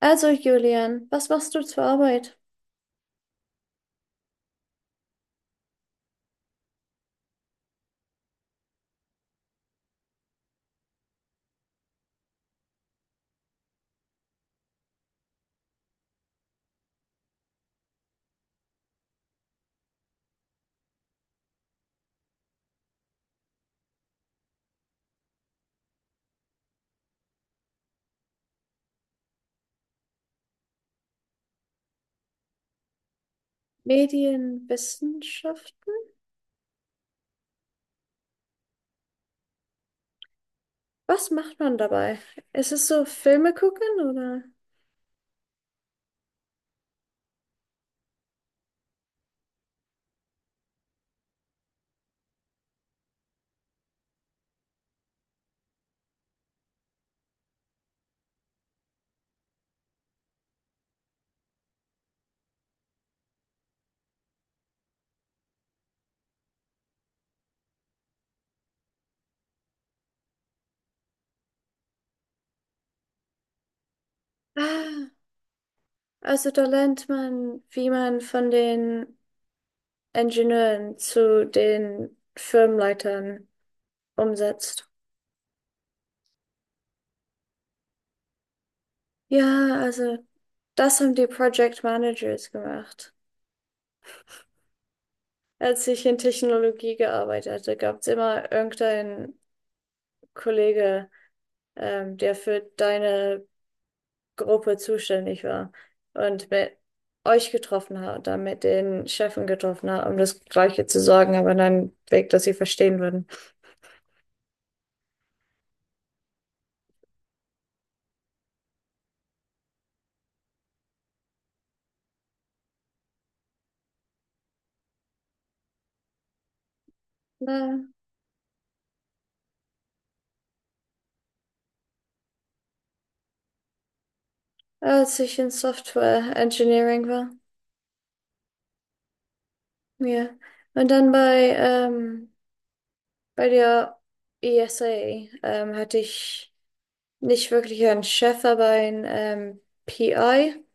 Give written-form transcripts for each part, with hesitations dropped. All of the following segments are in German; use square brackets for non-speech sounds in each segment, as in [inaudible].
Also, Julian, was machst du zur Arbeit? Medienwissenschaften? Was macht man dabei? Ist es so Filme gucken oder? Ah, also da lernt man, wie man von den Ingenieuren zu den Firmenleitern umsetzt. Ja, also das haben die Project Managers gemacht. Als ich in Technologie gearbeitet hatte, gab es immer irgendeinen Kollege, der für deine Gruppe zuständig war und mit euch getroffen hat und dann mit den Chefen getroffen hat, um das Gleiche zu sagen, aber in einem Weg, dass sie verstehen würden. Na, als ich in Software Engineering war. Ja. Und dann bei bei der ESA hatte ich nicht wirklich einen Chef, aber einen PI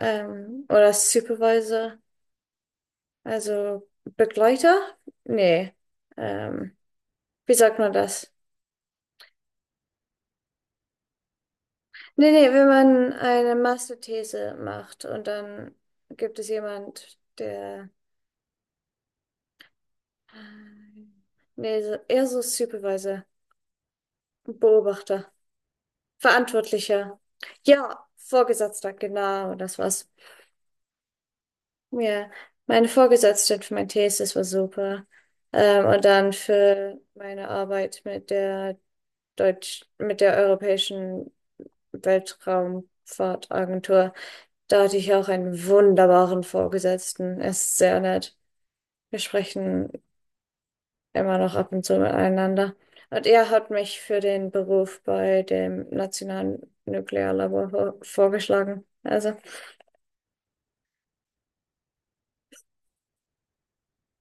oder Supervisor, also Begleiter? Nee. Ähm, Wie sagt man das? Nee, nee, wenn man eine Masterthese macht und dann gibt es jemand, der, nee, eher so Supervisor, Beobachter, Verantwortlicher. Ja, Vorgesetzter, genau, das war's. Ja, meine Vorgesetzte für meine Thesis war super. Und dann für meine Arbeit mit der Deutsch, mit der europäischen Weltraumfahrtagentur. Da hatte ich auch einen wunderbaren Vorgesetzten. Er ist sehr nett. Wir sprechen immer noch ab und zu miteinander. Und er hat mich für den Beruf bei dem Nationalen Nuklearlabor vorgeschlagen.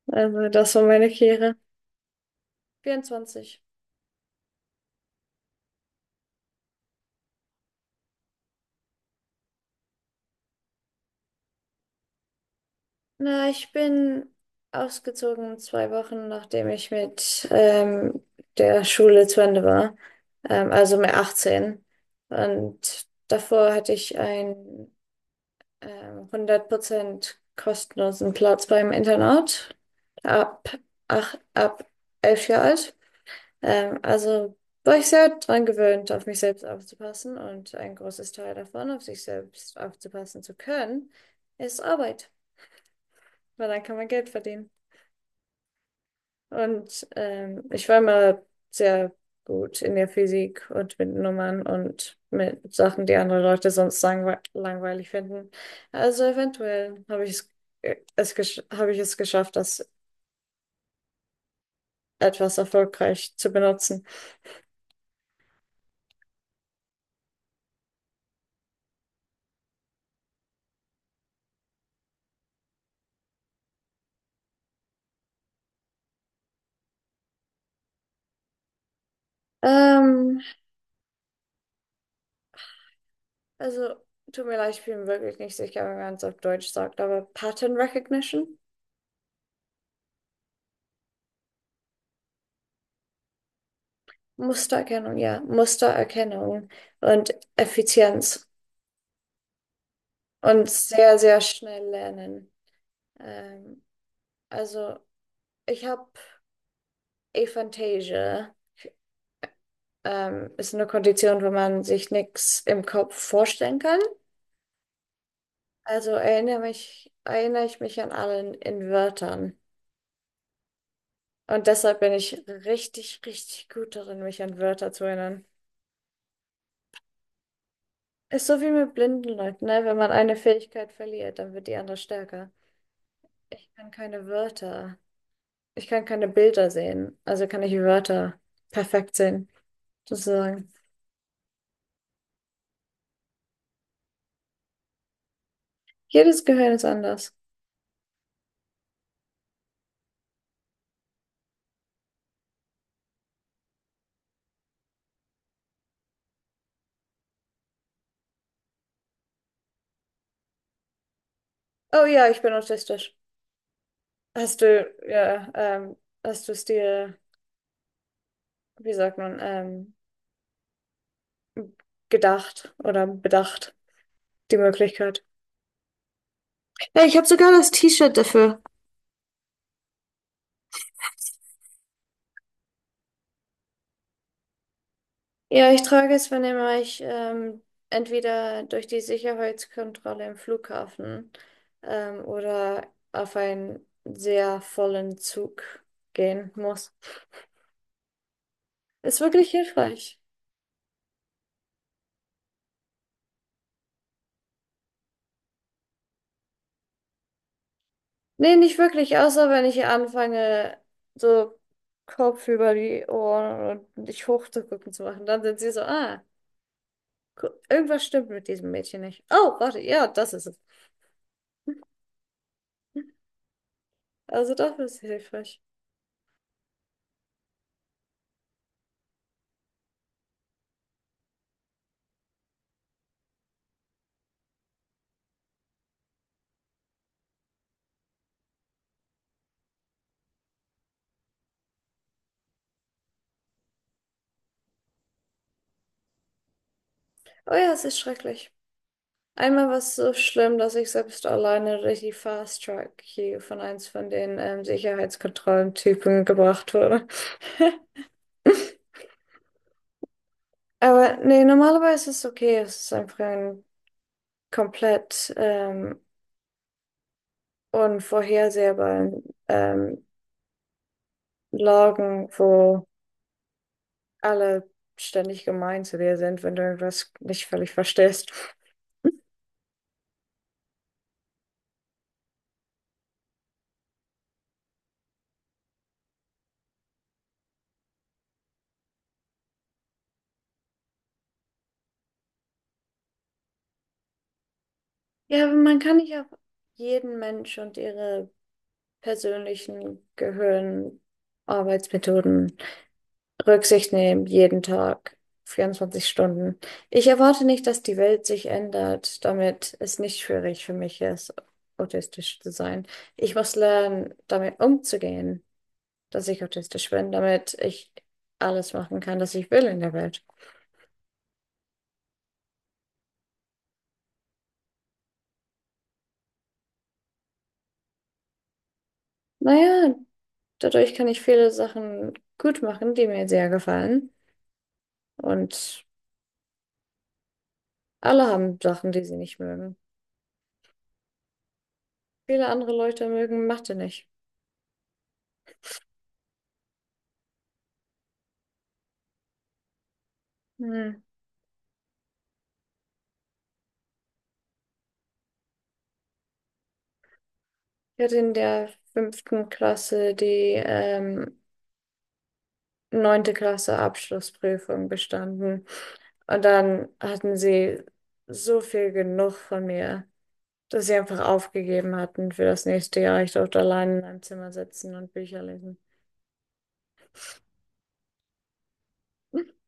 Also das war meine Karriere. 24. Na, ich bin ausgezogen 2 Wochen, nachdem ich mit der Schule zu Ende war. Also mit 18. Und davor hatte ich einen 100% kostenlosen Platz beim Internat ab, ach, ab 11 Jahre alt. Also war ich sehr dran gewöhnt, auf mich selbst aufzupassen. Und ein großes Teil davon, auf sich selbst aufzupassen zu können, ist Arbeit, weil dann kann man Geld verdienen. Und ich war immer sehr gut in der Physik und mit Nummern und mit Sachen, die andere Leute sonst langweilig finden. Also eventuell habe ich es, es gesch- habe ich es geschafft, das etwas erfolgreich zu benutzen. Ähm, also tut mir leid, ich bin wirklich nicht sicher, wie man es auf Deutsch sagt, aber Pattern Recognition, Mustererkennung, ja, Mustererkennung und Effizienz und sehr, sehr schnell lernen. Ähm, Also, ich habe Aphantasia. Ist eine Kondition, wo man sich nichts im Kopf vorstellen kann. Also erinnere ich mich an allen in Wörtern. Und deshalb bin ich richtig, richtig gut darin, mich an Wörter zu erinnern. Ist so wie mit blinden Leuten, ne? Wenn man eine Fähigkeit verliert, dann wird die andere stärker. Ich kann keine Wörter, ich kann keine Bilder sehen, also kann ich Wörter perfekt sehen, sozusagen. Jedes Gehirn ist anders. Oh ja, ich bin autistisch. Hast du, ja, ähm, hast du es dir, wie sagt man, gedacht oder bedacht, die Möglichkeit? Ja, ich habe sogar das T-Shirt dafür. Ja, ich trage es, wenn immer ich entweder durch die Sicherheitskontrolle im Flughafen oder auf einen sehr vollen Zug gehen muss. Ist wirklich hilfreich. Nee, nicht wirklich, außer wenn ich anfange, so Kopf über die Ohren und dich hochzugucken zu machen. Dann sind sie so, ah, irgendwas stimmt mit diesem Mädchen nicht. Oh, warte, ja, das ist es. Also doch ist sie hilfreich. Oh ja, es ist schrecklich. Einmal war es so schlimm, dass ich selbst alleine durch die Fast Track hier von eins von den Sicherheitskontrollentypen gebracht wurde. Aber nee, normalerweise ist es okay. Es ist einfach ein komplett unvorhersehbaren Lagen, wo alle ständig gemein zu dir sind, wenn du irgendwas nicht völlig verstehst. [laughs] Ja, aber man kann nicht auf jeden Mensch und ihre persönlichen Gehirnarbeitsmethoden Rücksicht nehmen, jeden Tag, 24 Stunden. Ich erwarte nicht, dass die Welt sich ändert, damit es nicht schwierig für mich ist, autistisch zu sein. Ich muss lernen, damit umzugehen, dass ich autistisch bin, damit ich alles machen kann, was ich will in der Welt. Naja, dadurch kann ich viele Sachen gut machen, die mir sehr gefallen. Und alle haben Sachen, die sie nicht mögen. Viele andere Leute mögen Mathe nicht. Hm. Ich hatte in der 5. Klasse die ähm, 9. Klasse Abschlussprüfung bestanden. Und dann hatten sie so viel genug von mir, dass sie einfach aufgegeben hatten für das nächste Jahr. Ich durfte allein in einem Zimmer sitzen und Bücher lesen. [laughs]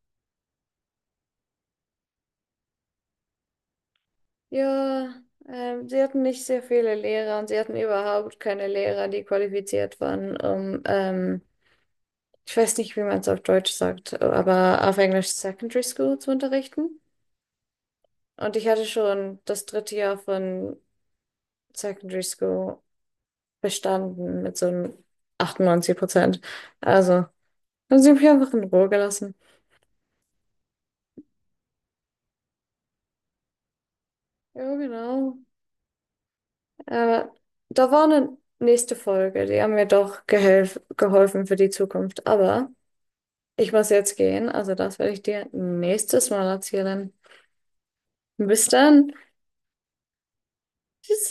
Ja, sie hatten nicht sehr viele Lehrer und sie hatten überhaupt keine Lehrer, die qualifiziert waren, um, ich weiß nicht, wie man es auf Deutsch sagt, aber auf Englisch Secondary School zu unterrichten. Und ich hatte schon das 3. Jahr von Secondary School bestanden mit so einem 98%. Also, dann sind wir einfach in Ruhe gelassen. Ja, genau. Äh, da war eine nächste Folge, die haben mir doch gehelf geholfen für die Zukunft. Aber ich muss jetzt gehen, also das werde ich dir nächstes Mal erzählen. Bis dann. Tschüss.